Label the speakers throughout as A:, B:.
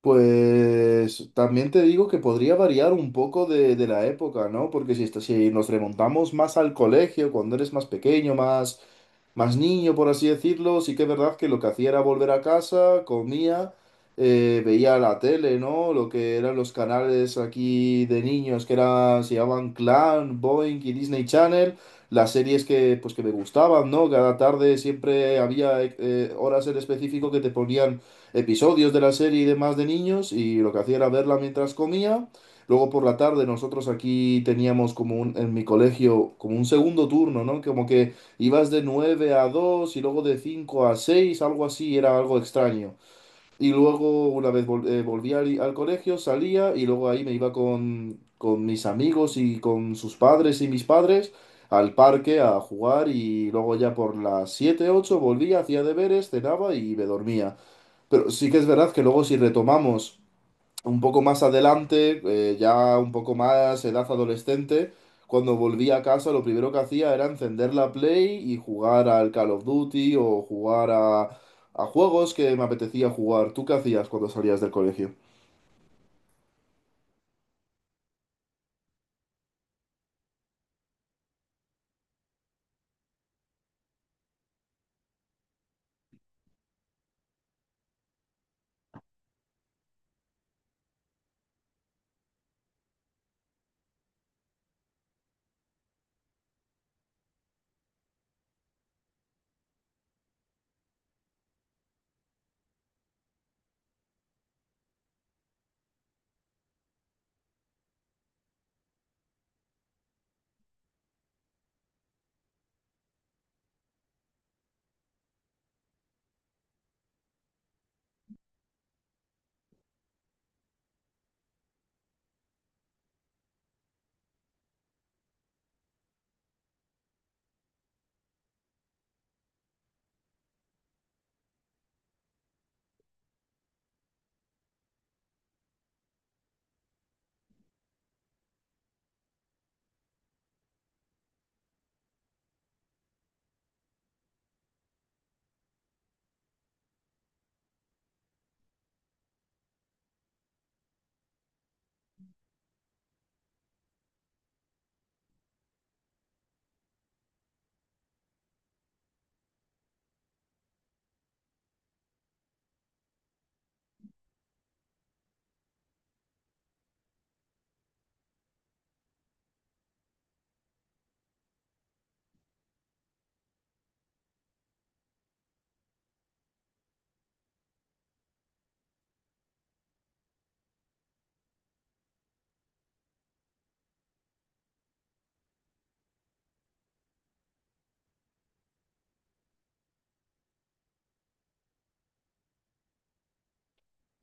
A: Pues también te digo que podría variar un poco de la época, ¿no? Porque si nos remontamos más al colegio, cuando eres más pequeño, más niño, por así decirlo, sí que es verdad que lo que hacía era volver a casa, comía, veía la tele, ¿no? Lo que eran los canales aquí de niños, que eran, se llamaban Clan, Boing y Disney Channel, las series que, pues, que me gustaban, ¿no? Cada tarde siempre había horas en específico que te ponían episodios de la serie y demás de niños y lo que hacía era verla mientras comía. Luego por la tarde nosotros aquí teníamos como un, en mi colegio como un segundo turno, ¿no? Como que ibas de 9 a 2 y luego de 5 a 6 algo así, era algo extraño. Y luego una vez volví al colegio, salía y luego ahí me iba con mis amigos y con sus padres y mis padres al parque a jugar y luego ya por las 7 8 volvía, hacía deberes, cenaba y me dormía. Pero sí que es verdad que luego si retomamos un poco más adelante, ya un poco más edad adolescente, cuando volví a casa lo primero que hacía era encender la Play y jugar al Call of Duty o jugar a juegos que me apetecía jugar. ¿Tú qué hacías cuando salías del colegio?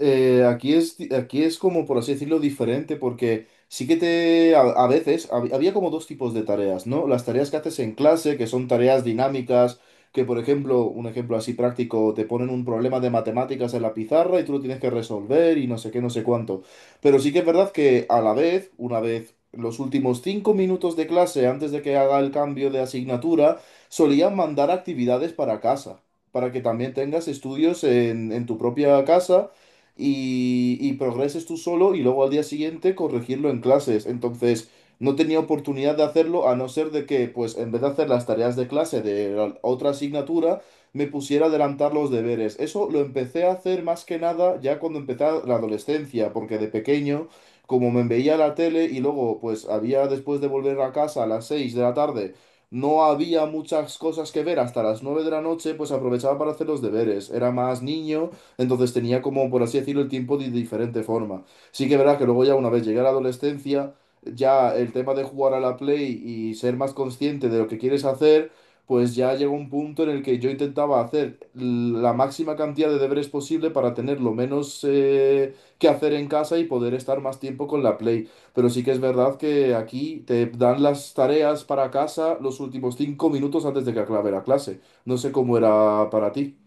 A: Aquí es como, por así decirlo, diferente, porque sí que a veces, había como dos tipos de tareas, ¿no? Las tareas que haces en clase, que son tareas dinámicas, que por ejemplo, un ejemplo así práctico, te ponen un problema de matemáticas en la pizarra y tú lo tienes que resolver y no sé qué, no sé cuánto. Pero sí que es verdad que a la vez, una vez, los últimos 5 minutos de clase, antes de que haga el cambio de asignatura, solían mandar actividades para casa, para que también tengas estudios en tu propia casa y progreses tú solo y luego al día siguiente corregirlo en clases. Entonces, no tenía oportunidad de hacerlo a no ser de que, pues, en vez de hacer las tareas de clase de la otra asignatura, me pusiera a adelantar los deberes. Eso lo empecé a hacer más que nada ya cuando empecé la adolescencia, porque de pequeño, como me veía la tele y luego, pues, había después de volver a casa a las 6 de la tarde, no había muchas cosas que ver hasta las 9 de la noche, pues aprovechaba para hacer los deberes. Era más niño, entonces tenía como, por así decirlo, el tiempo de diferente forma. Sí que verás que luego ya una vez llegué a la adolescencia, ya el tema de jugar a la Play y ser más consciente de lo que quieres hacer, pues ya llegó un punto en el que yo intentaba hacer la máxima cantidad de deberes posible para tener lo menos que hacer en casa y poder estar más tiempo con la Play. Pero sí que es verdad que aquí te dan las tareas para casa los últimos 5 minutos antes de que acabe la clase. No sé cómo era para ti.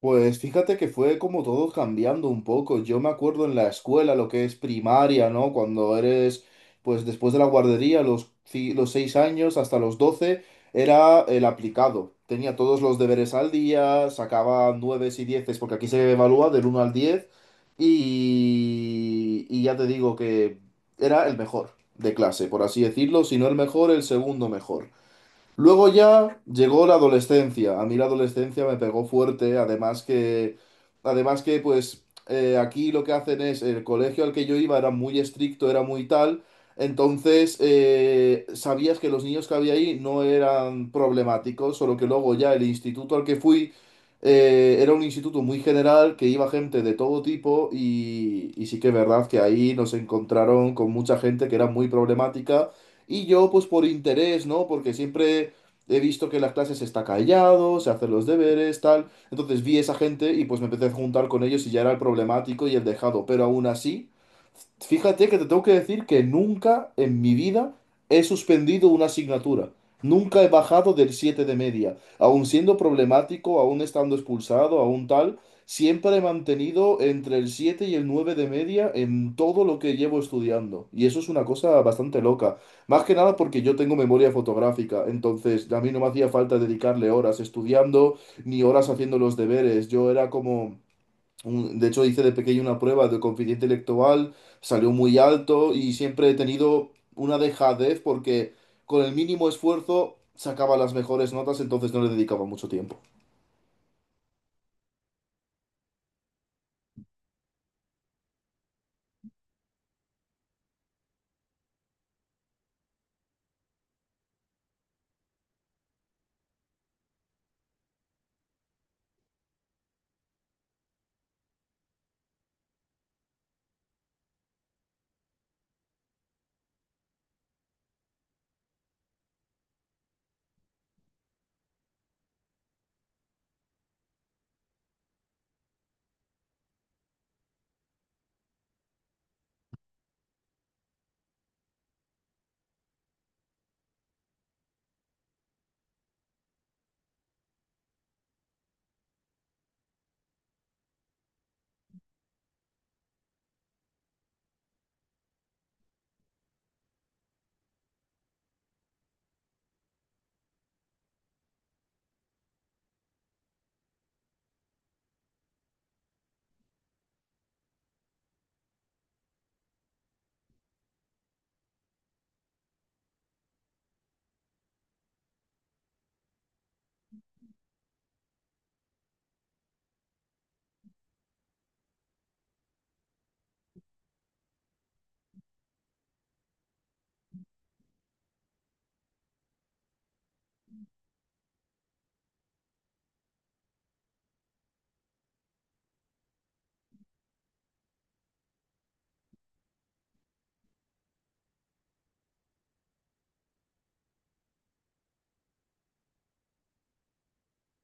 A: Pues fíjate que fue como todo cambiando un poco. Yo me acuerdo en la escuela, lo que es primaria, ¿no? Cuando eres, pues después de la guardería, los 6 años hasta los 12 era el aplicado. Tenía todos los deberes al día, sacaba nueves y dieces, porque aquí se evalúa del 1 al 10 y ya te digo que era el mejor de clase, por así decirlo, si no el mejor, el segundo mejor. Luego ya llegó la adolescencia. A mí la adolescencia me pegó fuerte, además que pues aquí lo que hacen es, el colegio al que yo iba era muy estricto, era muy tal, entonces sabías que los niños que había ahí no eran problemáticos, solo que luego ya el instituto al que fui era un instituto muy general, que iba gente de todo tipo y sí que es verdad que ahí nos encontraron con mucha gente que era muy problemática. Y yo, pues por interés, ¿no? Porque siempre he visto que en las clases está callado, se hace los deberes, tal. Entonces vi esa gente y pues me empecé a juntar con ellos y ya era el problemático y el dejado. Pero aún así, fíjate que te tengo que decir que nunca en mi vida he suspendido una asignatura. Nunca he bajado del 7 de media. Aún siendo problemático, aún estando expulsado, aún tal, siempre he mantenido entre el 7 y el 9 de media en todo lo que llevo estudiando. Y eso es una cosa bastante loca. Más que nada porque yo tengo memoria fotográfica, entonces a mí no me hacía falta dedicarle horas estudiando ni horas haciendo los deberes. Yo era como, de hecho hice de pequeño una prueba de coeficiente intelectual, salió muy alto y siempre he tenido una dejadez porque con el mínimo esfuerzo sacaba las mejores notas, entonces no le dedicaba mucho tiempo.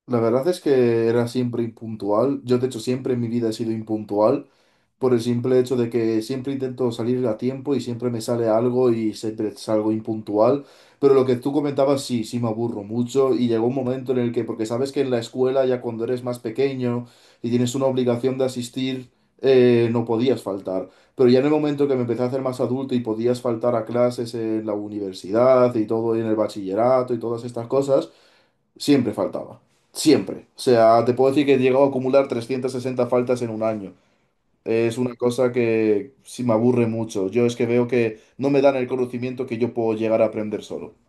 A: La verdad es que era siempre impuntual. Yo, de hecho, siempre en mi vida he sido impuntual por el simple hecho de que siempre intento salir a tiempo y siempre me sale algo y siempre salgo impuntual. Pero lo que tú comentabas, sí, sí me aburro mucho y llegó un momento en el que, porque sabes que en la escuela ya cuando eres más pequeño y tienes una obligación de asistir, no podías faltar. Pero ya en el momento que me empecé a hacer más adulto y podías faltar a clases en la universidad y todo, y en el bachillerato y todas estas cosas. Siempre faltaba. Siempre. O sea, te puedo decir que he llegado a acumular 360 faltas en un año. Es una cosa que sí me aburre mucho. Yo es que veo que no me dan el conocimiento que yo puedo llegar a aprender solo.